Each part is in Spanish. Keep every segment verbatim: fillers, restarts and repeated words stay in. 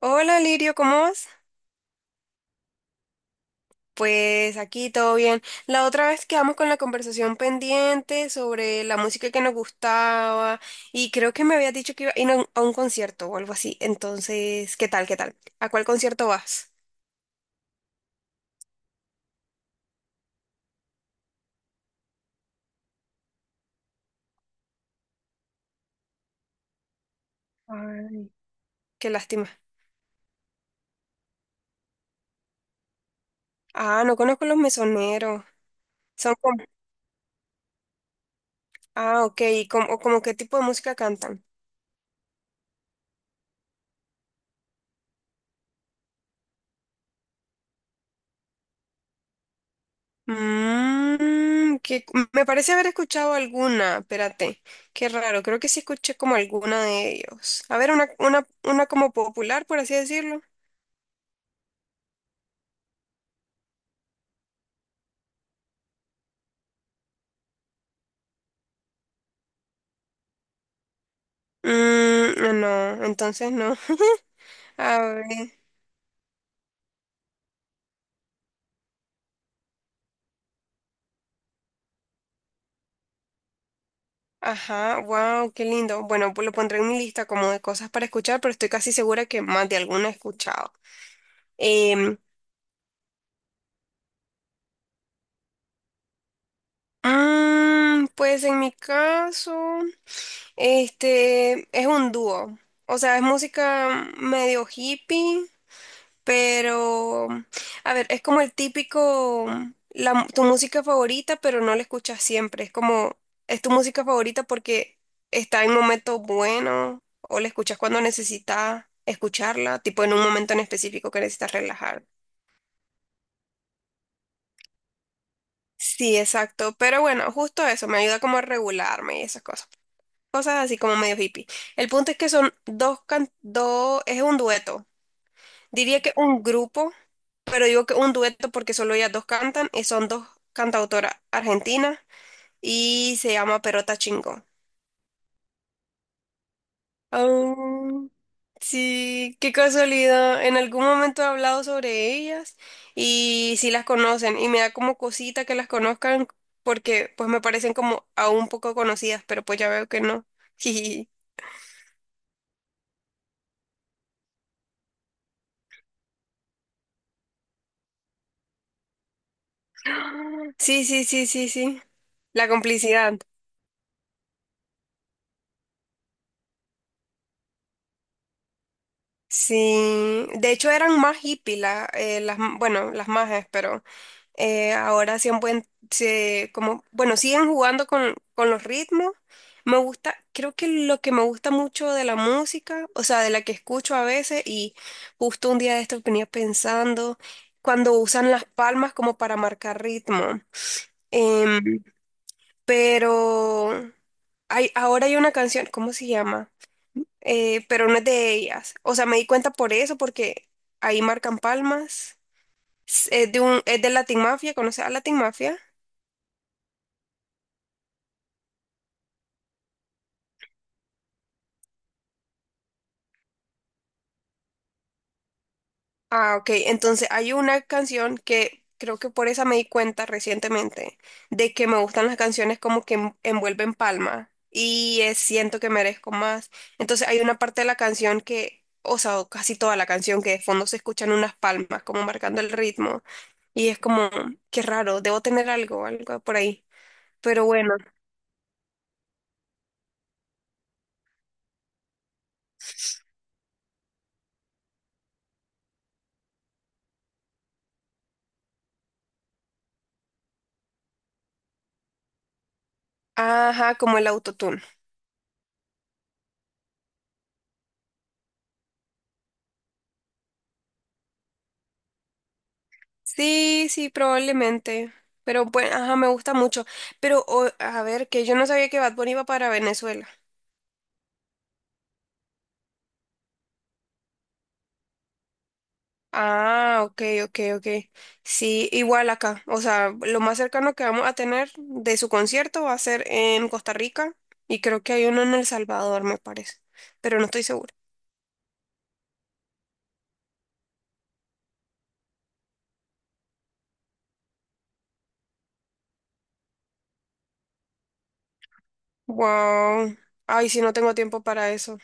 Hola Lirio, ¿cómo vas? Pues aquí todo bien. La otra vez quedamos con la conversación pendiente sobre la música que nos gustaba y creo que me habías dicho que iba a ir a un, a un concierto o algo así. Entonces, ¿qué tal? ¿Qué tal? ¿A cuál concierto vas? Ay, qué lástima. Ah, no conozco Los Mesoneros. Son como, ah, ok, ¿y como, o como qué tipo de música cantan? Mm, que me parece haber escuchado alguna, espérate, qué raro, creo que sí escuché como alguna de ellos. A ver, una, una, una como popular, por así decirlo. Mm, no, entonces no. A ver, ajá, wow, qué lindo. Bueno, pues lo pondré en mi lista como de cosas para escuchar, pero estoy casi segura que más de alguna he escuchado. Em, mm, pues en mi caso, este es un dúo. O sea, es música medio hippie. Pero mm, a ver, es como el típico, la tu música favorita, pero no la escuchas siempre. Es como, es tu música favorita porque está en momentos buenos o la escuchas cuando necesitas escucharla, tipo en un momento en específico que necesitas relajar. Sí, exacto. Pero bueno, justo eso, me ayuda como a regularme y esas cosas. Cosas así como medio hippie. El punto es que son dos, can- dos, es un dueto. Diría que un grupo. Pero digo que un dueto porque solo ellas dos cantan y son dos cantautoras argentinas y se llama Perota Chingó. Am, sí, qué casualidad. En algún momento he hablado sobre ellas y sí las conocen y me da como cosita que las conozcan porque pues me parecen como aún poco conocidas, pero pues ya veo que no. Sí, sí, sí, sí, sí. La complicidad. Sí, de hecho eran más hippies la- eh, las, bueno, las majes, pero eh, ahora sí han buen- se- como, bueno, siguen jugando con, con los ritmos. Me gusta, creo que lo que me gusta mucho de la música, o sea, de la que escucho a veces, y justo un día de esto venía pensando, cuando usan las palmas como para marcar ritmo. Em, pero hay, ahora hay una canción, ¿cómo se llama? Eh, pero no es de ellas. O sea, me di cuenta por eso, porque ahí marcan palmas. Es eh, de un, es de Latin Mafia. ¿Conoces a Latin Mafia? Ah, ok. Entonces hay una canción que creo que por esa me di cuenta recientemente de que me gustan las canciones como que en- envuelven palma y eh, siento que merezco más. Entonces hay una parte de la canción que, o sea, o casi toda la canción que de fondo se escuchan unas palmas como marcando el ritmo y es como, qué raro, debo tener algo, algo por ahí. Pero bueno, ajá, como el autotune. Sí, sí, probablemente. Pero bueno, ajá, me gusta mucho. Pero o- a ver, que yo no sabía que Bad Bunny iba para Venezuela. Ah, ok, ok, ok. Sí, igual acá. O sea, lo más cercano que vamos a tener de su concierto va a ser en Costa Rica y creo que hay uno en El Salvador, me parece. Pero no estoy segura. Wow. Ay, sí, no tengo tiempo para eso.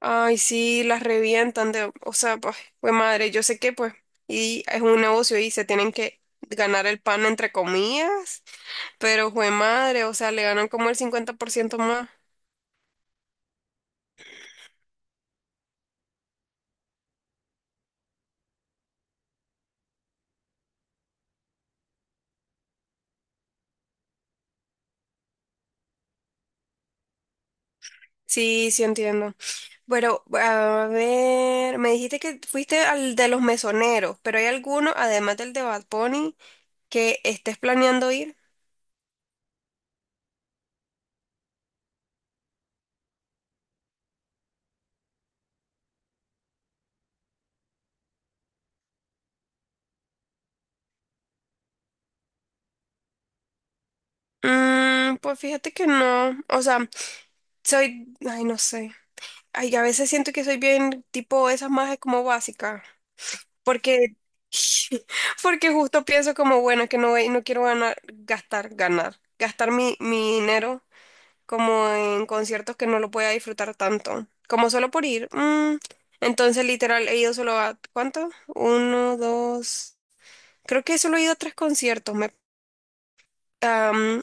Ay, sí, las revientan de, o sea, pues, pues madre, yo sé que pues, y es un negocio y se tienen que ganar el pan entre comillas, pero fue madre, o sea, le ganan como el cincuenta por ciento más. Sí, sí entiendo. Pero, a ver, me dijiste que fuiste al de los mesoneros, pero ¿hay alguno, además del de Bad Bunny, que estés planeando ir? Mm, pues fíjate que no. O sea, soy, ay, no sé. Ay, a veces siento que soy bien tipo esas más como básicas. Porque, porque justo pienso como, bueno, que no, voy- no quiero ganar, gastar, ganar, gastar mi, mi dinero como en conciertos que no lo voy a disfrutar tanto, como solo por ir. Mm, entonces, literal, he ido solo a, ¿cuánto? Uno, dos, creo que solo he ido a tres conciertos. Me, am,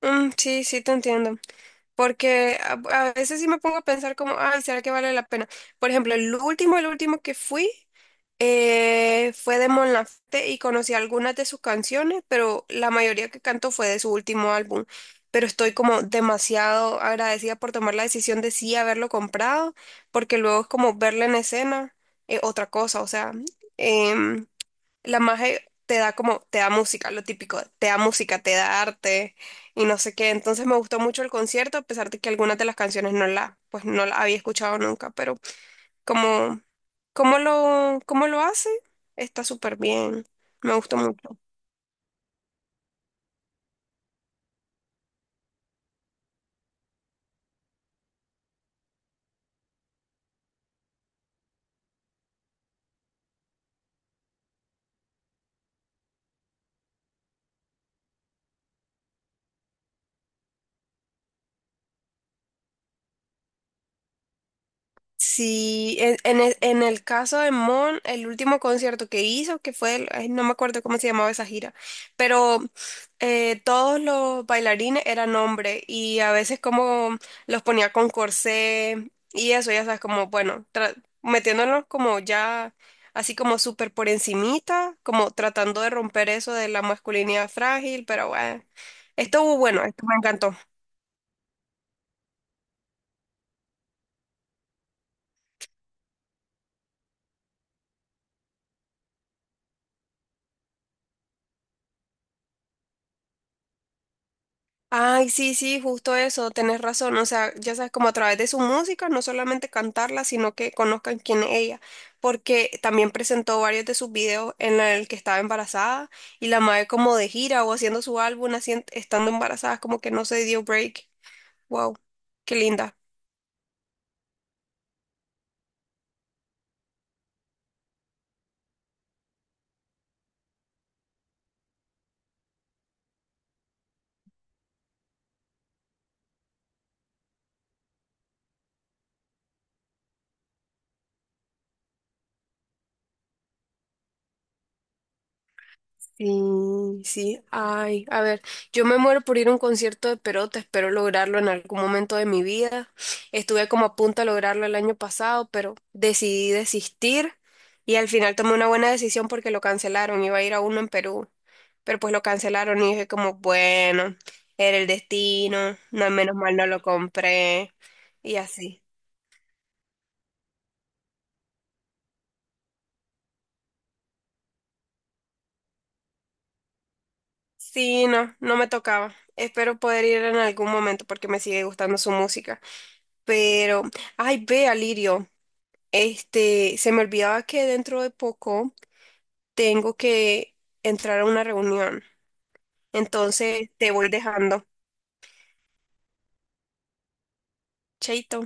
mm, mm, Sí, sí, te entiendo. Porque a, a veces sí me pongo a pensar como, ay, ¿será que vale la pena? Por ejemplo, el último, el último que fui. Eh, fue de Mon Laferte y conocí algunas de sus canciones, pero la mayoría que canto fue de su último álbum. Pero estoy como demasiado agradecida por tomar la decisión de sí haberlo comprado, porque luego es como verla en escena, eh, otra cosa, o sea, em, la magia te da como, te da música, lo típico, te da música, te da arte y no sé qué. Entonces me gustó mucho el concierto, a pesar de que algunas de las canciones no la, pues no la había escuchado nunca, pero como, ¿cómo lo, cómo lo hace? Está súper bien. Me gustó mucho. Sí, en, en el, en el caso de Mon, el último concierto que hizo, que fue, el- ay, no me acuerdo cómo se llamaba esa gira, pero eh, todos los bailarines eran hombres y a veces como los ponía con corsé y eso, ya sabes, como, bueno, tra- metiéndolos como ya así como súper por encimita, como tratando de romper eso de la masculinidad frágil, pero bueno, estuvo bueno, esto me encantó. Ay, sí, sí, justo eso, tenés razón. O sea, ya sabes, como a través de su música, no solamente cantarla, sino que conozcan quién es ella. Porque también presentó varios de sus videos en el que estaba embarazada y la madre como de gira o haciendo su álbum, hacien- estando embarazada, como que no se dio break. Wow, qué linda. Sí, sí. Ay, a ver, yo me muero por ir a un concierto de Perota, espero lograrlo en algún momento de mi vida. Estuve como a punto de lograrlo el año pasado, pero decidí desistir y al final tomé una buena decisión porque lo cancelaron. Iba a ir a uno en Perú, pero pues lo cancelaron y dije como, bueno, era el destino, no, menos mal no lo compré y así. Sí, no, no me tocaba. Espero poder ir en algún momento porque me sigue gustando su música. Pero, ay, ve, Alirio, este, se me olvidaba que dentro de poco tengo que entrar a una reunión. Entonces, te voy dejando. Chaito.